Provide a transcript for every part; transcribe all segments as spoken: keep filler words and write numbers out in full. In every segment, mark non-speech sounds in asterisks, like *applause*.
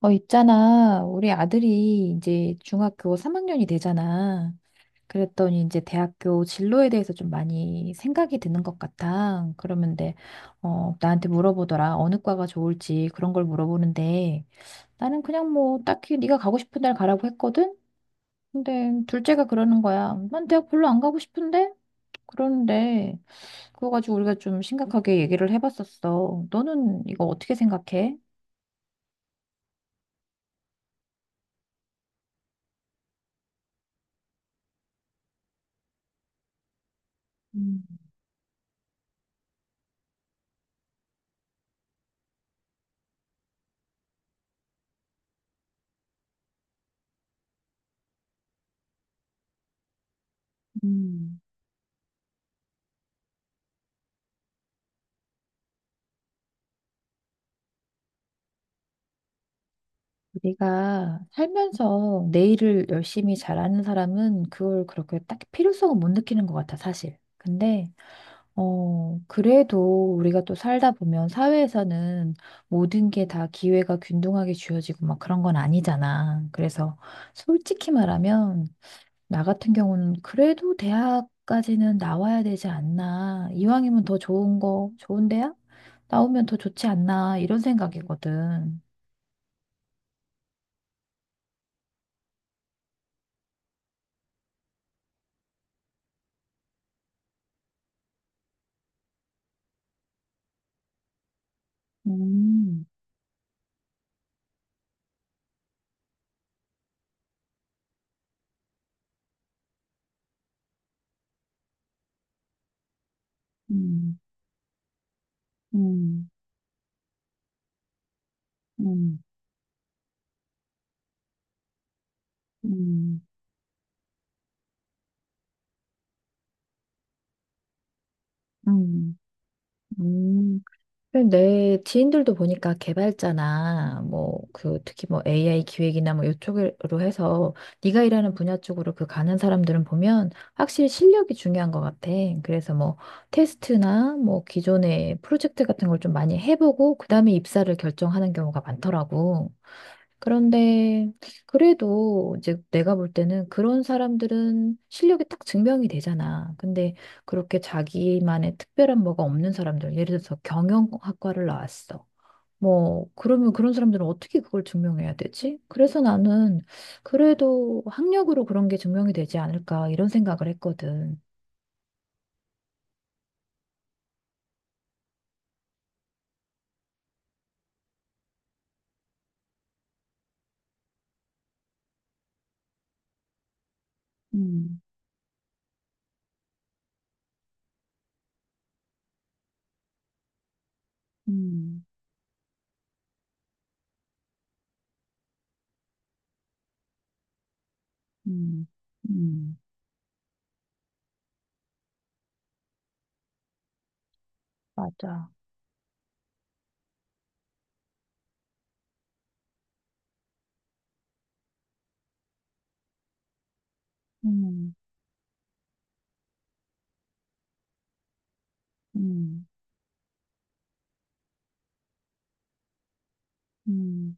어, 있잖아. 우리 아들이 이제 중학교 삼 학년이 되잖아. 그랬더니 이제 대학교 진로에 대해서 좀 많이 생각이 드는 것 같아. 그러는데, 어, 나한테 물어보더라. 어느 과가 좋을지 그런 걸 물어보는데, 나는 그냥 뭐 딱히 네가 가고 싶은 날 가라고 했거든? 근데 둘째가 그러는 거야. 난 대학 별로 안 가고 싶은데? 그러는데, 그거 가지고 우리가 좀 심각하게 얘기를 해봤었어. 너는 이거 어떻게 생각해? 음, 음. 우리가 살면서 내일을 열심히 잘하는 사람은 그걸 그렇게 딱 필요성을 못 느끼는 것 같아, 사실. 근데, 어, 그래도 우리가 또 살다 보면 사회에서는 모든 게 다 기회가 균등하게 주어지고 막 그런 건 아니잖아. 그래서 솔직히 말하면, 나 같은 경우는 그래도 대학까지는 나와야 되지 않나. 이왕이면 더 좋은 거, 좋은 대학? 나오면 더 좋지 않나. 이런 생각이거든. 음. 음. 음, 음, 음, 음, 음. 근데 내 지인들도 보니까 개발자나 뭐 그 특히 뭐 에이아이 기획이나 뭐 이쪽으로 해서 네가 일하는 분야 쪽으로 그 가는 사람들은 보면 확실히 실력이 중요한 것 같아. 그래서 뭐 테스트나 뭐 기존의 프로젝트 같은 걸 좀 많이 해보고 그다음에 입사를 결정하는 경우가 많더라고. 그런데 그래도 이제 내가 볼 때는 그런 사람들은 실력이 딱 증명이 되잖아. 근데 그렇게 자기만의 특별한 뭐가 없는 사람들, 예를 들어서 경영학과를 나왔어. 뭐, 그러면 그런 사람들은 어떻게 그걸 증명해야 되지? 그래서 나는 그래도 학력으로 그런 게 증명이 되지 않을까 이런 생각을 했거든. 음, 음, 음, 음, 맞아. 음, 음, 음,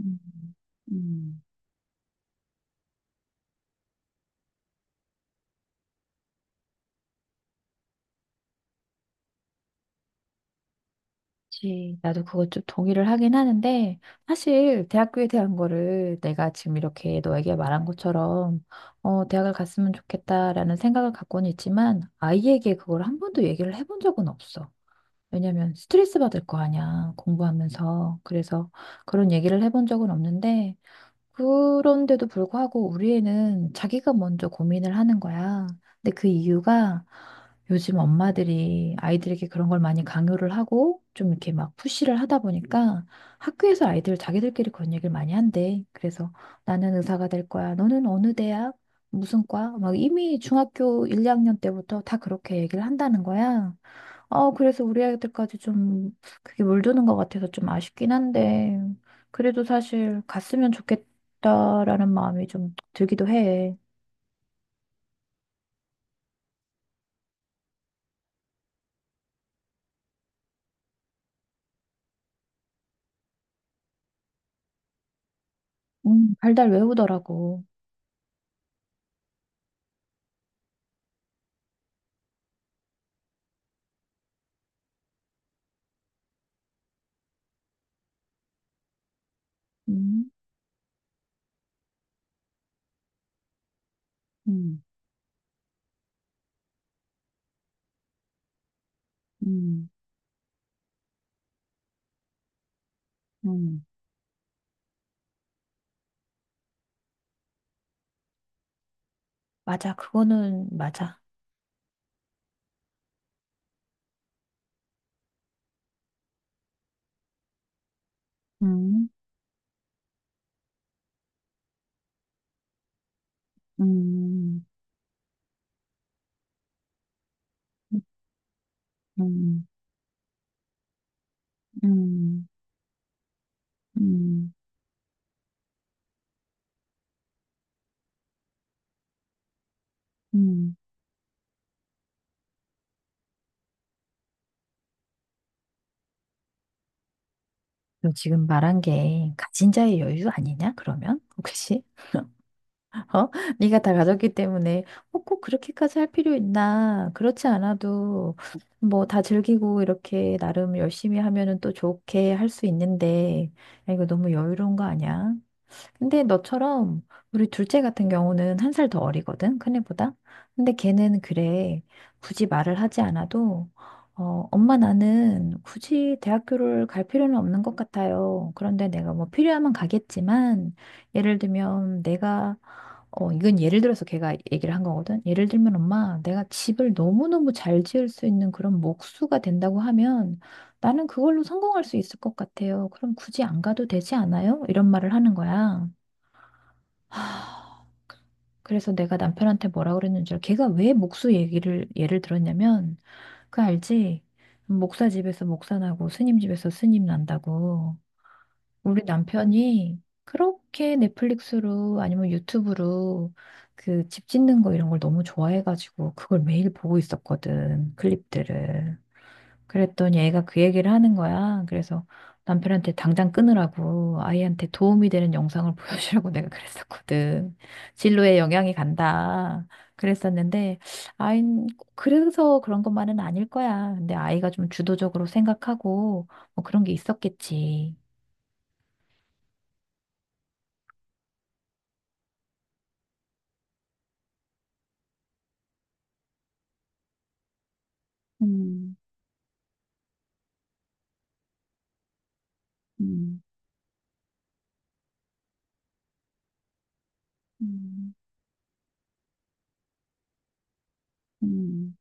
음, 음. 그치. 나도 그것 좀 동의를 하긴 하는데, 사실 대학교에 대한 거를 내가 지금 이렇게 너에게 말한 것처럼, 어, 대학을 갔으면 좋겠다라는 생각을 갖고는 있지만, 아이에게 그걸 한 번도 얘기를 해본 적은 없어. 왜냐면 스트레스 받을 거 아니야, 공부하면서. 그래서 그런 얘기를 해본 적은 없는데, 그런데도 불구하고 우리 애는 자기가 먼저 고민을 하는 거야. 근데 그 이유가 요즘 엄마들이 아이들에게 그런 걸 많이 강요를 하고 좀 이렇게 막 푸시를 하다 보니까 학교에서 아이들 자기들끼리 그런 얘기를 많이 한대. 그래서 나는 의사가 될 거야. 너는 어느 대학? 무슨 과? 막 이미 중학교 일, 이 학년 때부터 다 그렇게 얘기를 한다는 거야. 어, 그래서 우리 아이들까지 좀 그게 물드는 것 같아서 좀 아쉽긴 한데, 그래도 사실 갔으면 좋겠다라는 마음이 좀 들기도 해. 음, 달달 외우더라고. 음, 음, 음, 음, 맞아, 그거는 맞아. 음, 음, 음, 음, 음, 음. 너 지금 말한 게 가진 자의 여유 아니냐, 그러면? 혹시? 어? 네가 다 가졌기 때문에 어, 꼭 그렇게까지 할 필요 있나? 그렇지 않아도 뭐 다 즐기고 이렇게 나름 열심히 하면은 또 좋게 할 수 있는데 야, 이거 너무 여유로운 거 아니야? 근데 너처럼 우리 둘째 같은 경우는 한 살 더 어리거든, 큰애보다. 근데 걔는 그래 굳이 말을 하지 않아도 어, 엄마, 나는 굳이 대학교를 갈 필요는 없는 것 같아요. 그런데 내가 뭐 필요하면 가겠지만 예를 들면 내가 어, 이건 예를 들어서 걔가 얘기를 한 거거든. 예를 들면, 엄마, 내가 집을 너무너무 잘 지을 수 있는 그런 목수가 된다고 하면 나는 그걸로 성공할 수 있을 것 같아요. 그럼 굳이 안 가도 되지 않아요? 이런 말을 하는 거야. *sighs* 하, 그래서 내가 남편한테 뭐라 그랬는지, 알아? 걔가 왜 목수 얘기를, 예를 들었냐면, 그 알지? 목사 집에서 목사 나고 스님 집에서 스님 난다고. 우리 남편이 그렇게 넷플릭스로 아니면 유튜브로 그 집 짓는 거 이런 걸 너무 좋아해가지고 그걸 매일 보고 있었거든, 클립들을. 그랬더니 애가 그 얘기를 하는 거야. 그래서 남편한테 당장 끊으라고 아이한테 도움이 되는 영상을 *laughs* 보여주라고 내가 그랬었거든. 진로에 영향이 간다. 그랬었는데, 아이, 그래서 그런 것만은 아닐 거야. 근데 아이가 좀 주도적으로 생각하고 뭐 그런 게 있었겠지. 음. 음, 음, 음,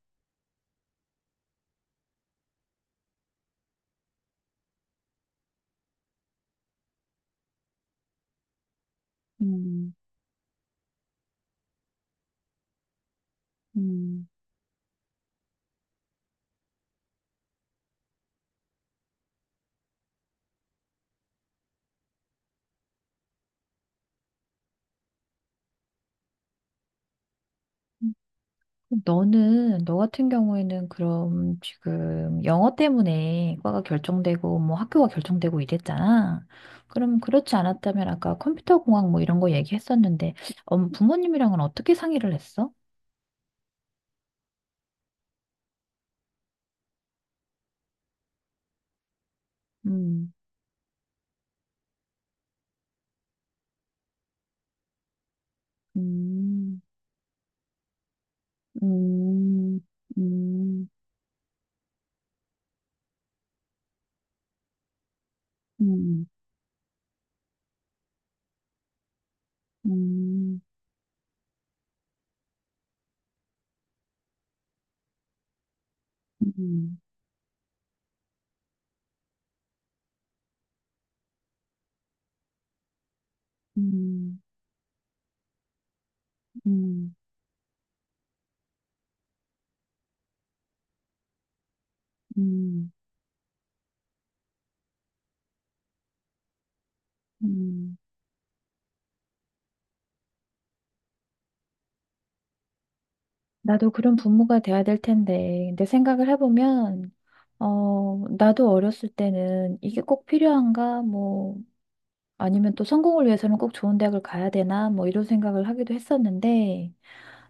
음, 음. 그럼 너는, 너 같은 경우에는 그럼 지금 영어 때문에 과가 결정되고 뭐 학교가 결정되고 이랬잖아. 그럼 그렇지 않았다면 아까 컴퓨터 공학 뭐 이런 거 얘기했었는데, 음, 부모님이랑은 어떻게 상의를 했어? 음, 음, 음, 음, 음, 음, 음, 음, 음, 음, 음. 나도 그런 부모가 돼야 될 텐데. 근데 생각을 해보면, 어, 나도 어렸을 때는 이게 꼭 필요한가? 뭐, 아니면 또 성공을 위해서는 꼭 좋은 대학을 가야 되나? 뭐 이런 생각을 하기도 했었는데,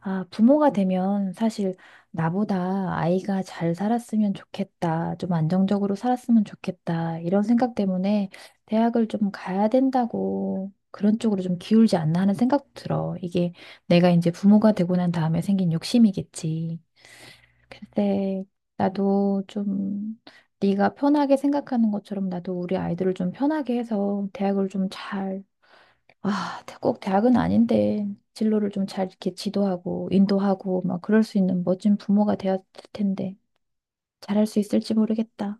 아, 부모가 되면 사실 나보다 아이가 잘 살았으면 좋겠다. 좀 안정적으로 살았으면 좋겠다. 이런 생각 때문에 대학을 좀 가야 된다고 그런 쪽으로 좀 기울지 않나 하는 생각 도 들어. 이게 내가 이제 부모가 되고 난 다음에 생긴 욕심이겠지. 글쎄, 나도 좀 네가 편하게 생각하는 것처럼 나도 우리 아이들을 좀 편하게 해서 대학을 좀 잘, 아, 꼭 대학은 아닌데 진로를 좀 잘 이렇게 지도하고 인도하고 막 그럴 수 있는 멋진 부모가 되었을 텐데 잘할 수 있을지 모르겠다.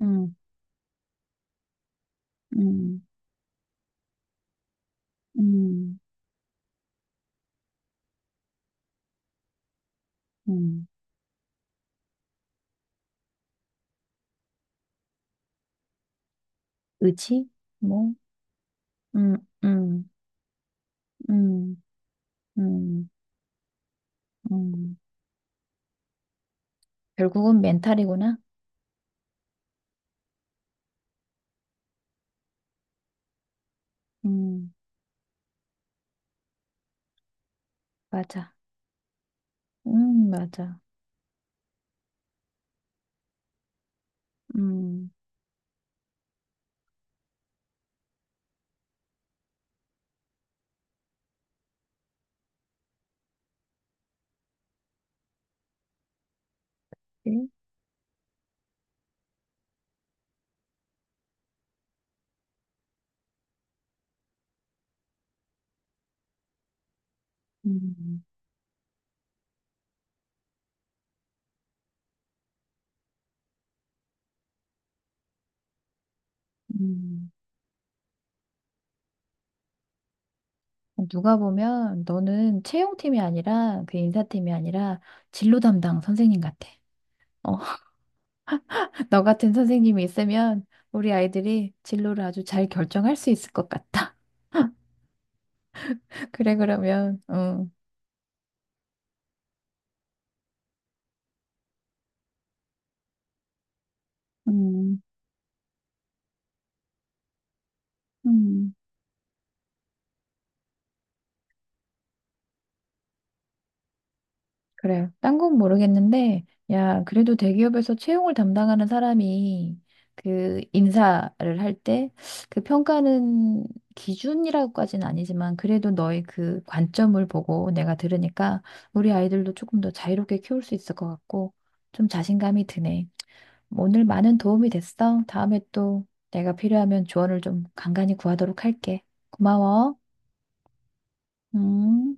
음, 음, 음, 음. 의지? 뭐, 음, 음, 음, 음, 음, 결국은 멘탈이구나. 음, 맞아. 음, 맞아. 음. 음, 음. 누가 보면 너는 채용팀이 아니라 그 인사팀이 아니라 진로 담당 선생님 같아. 어, *laughs* 너 같은 선생님이 있으면 우리 아이들이 진로를 아주 잘 결정할 수 있을 것 같아. *laughs* 그래, 그러면, 응. 음, 음. 그래요. 딴 건 모르겠는데, 야, 그래도 대기업에서 채용을 담당하는 사람이 그 인사를 할 때 그 평가는 기준이라고까지는 아니지만 그래도 너의 그 관점을 보고 내가 들으니까 우리 아이들도 조금 더 자유롭게 키울 수 있을 것 같고 좀 자신감이 드네. 오늘 많은 도움이 됐어. 다음에 또 내가 필요하면 조언을 좀 간간히 구하도록 할게. 고마워. 음.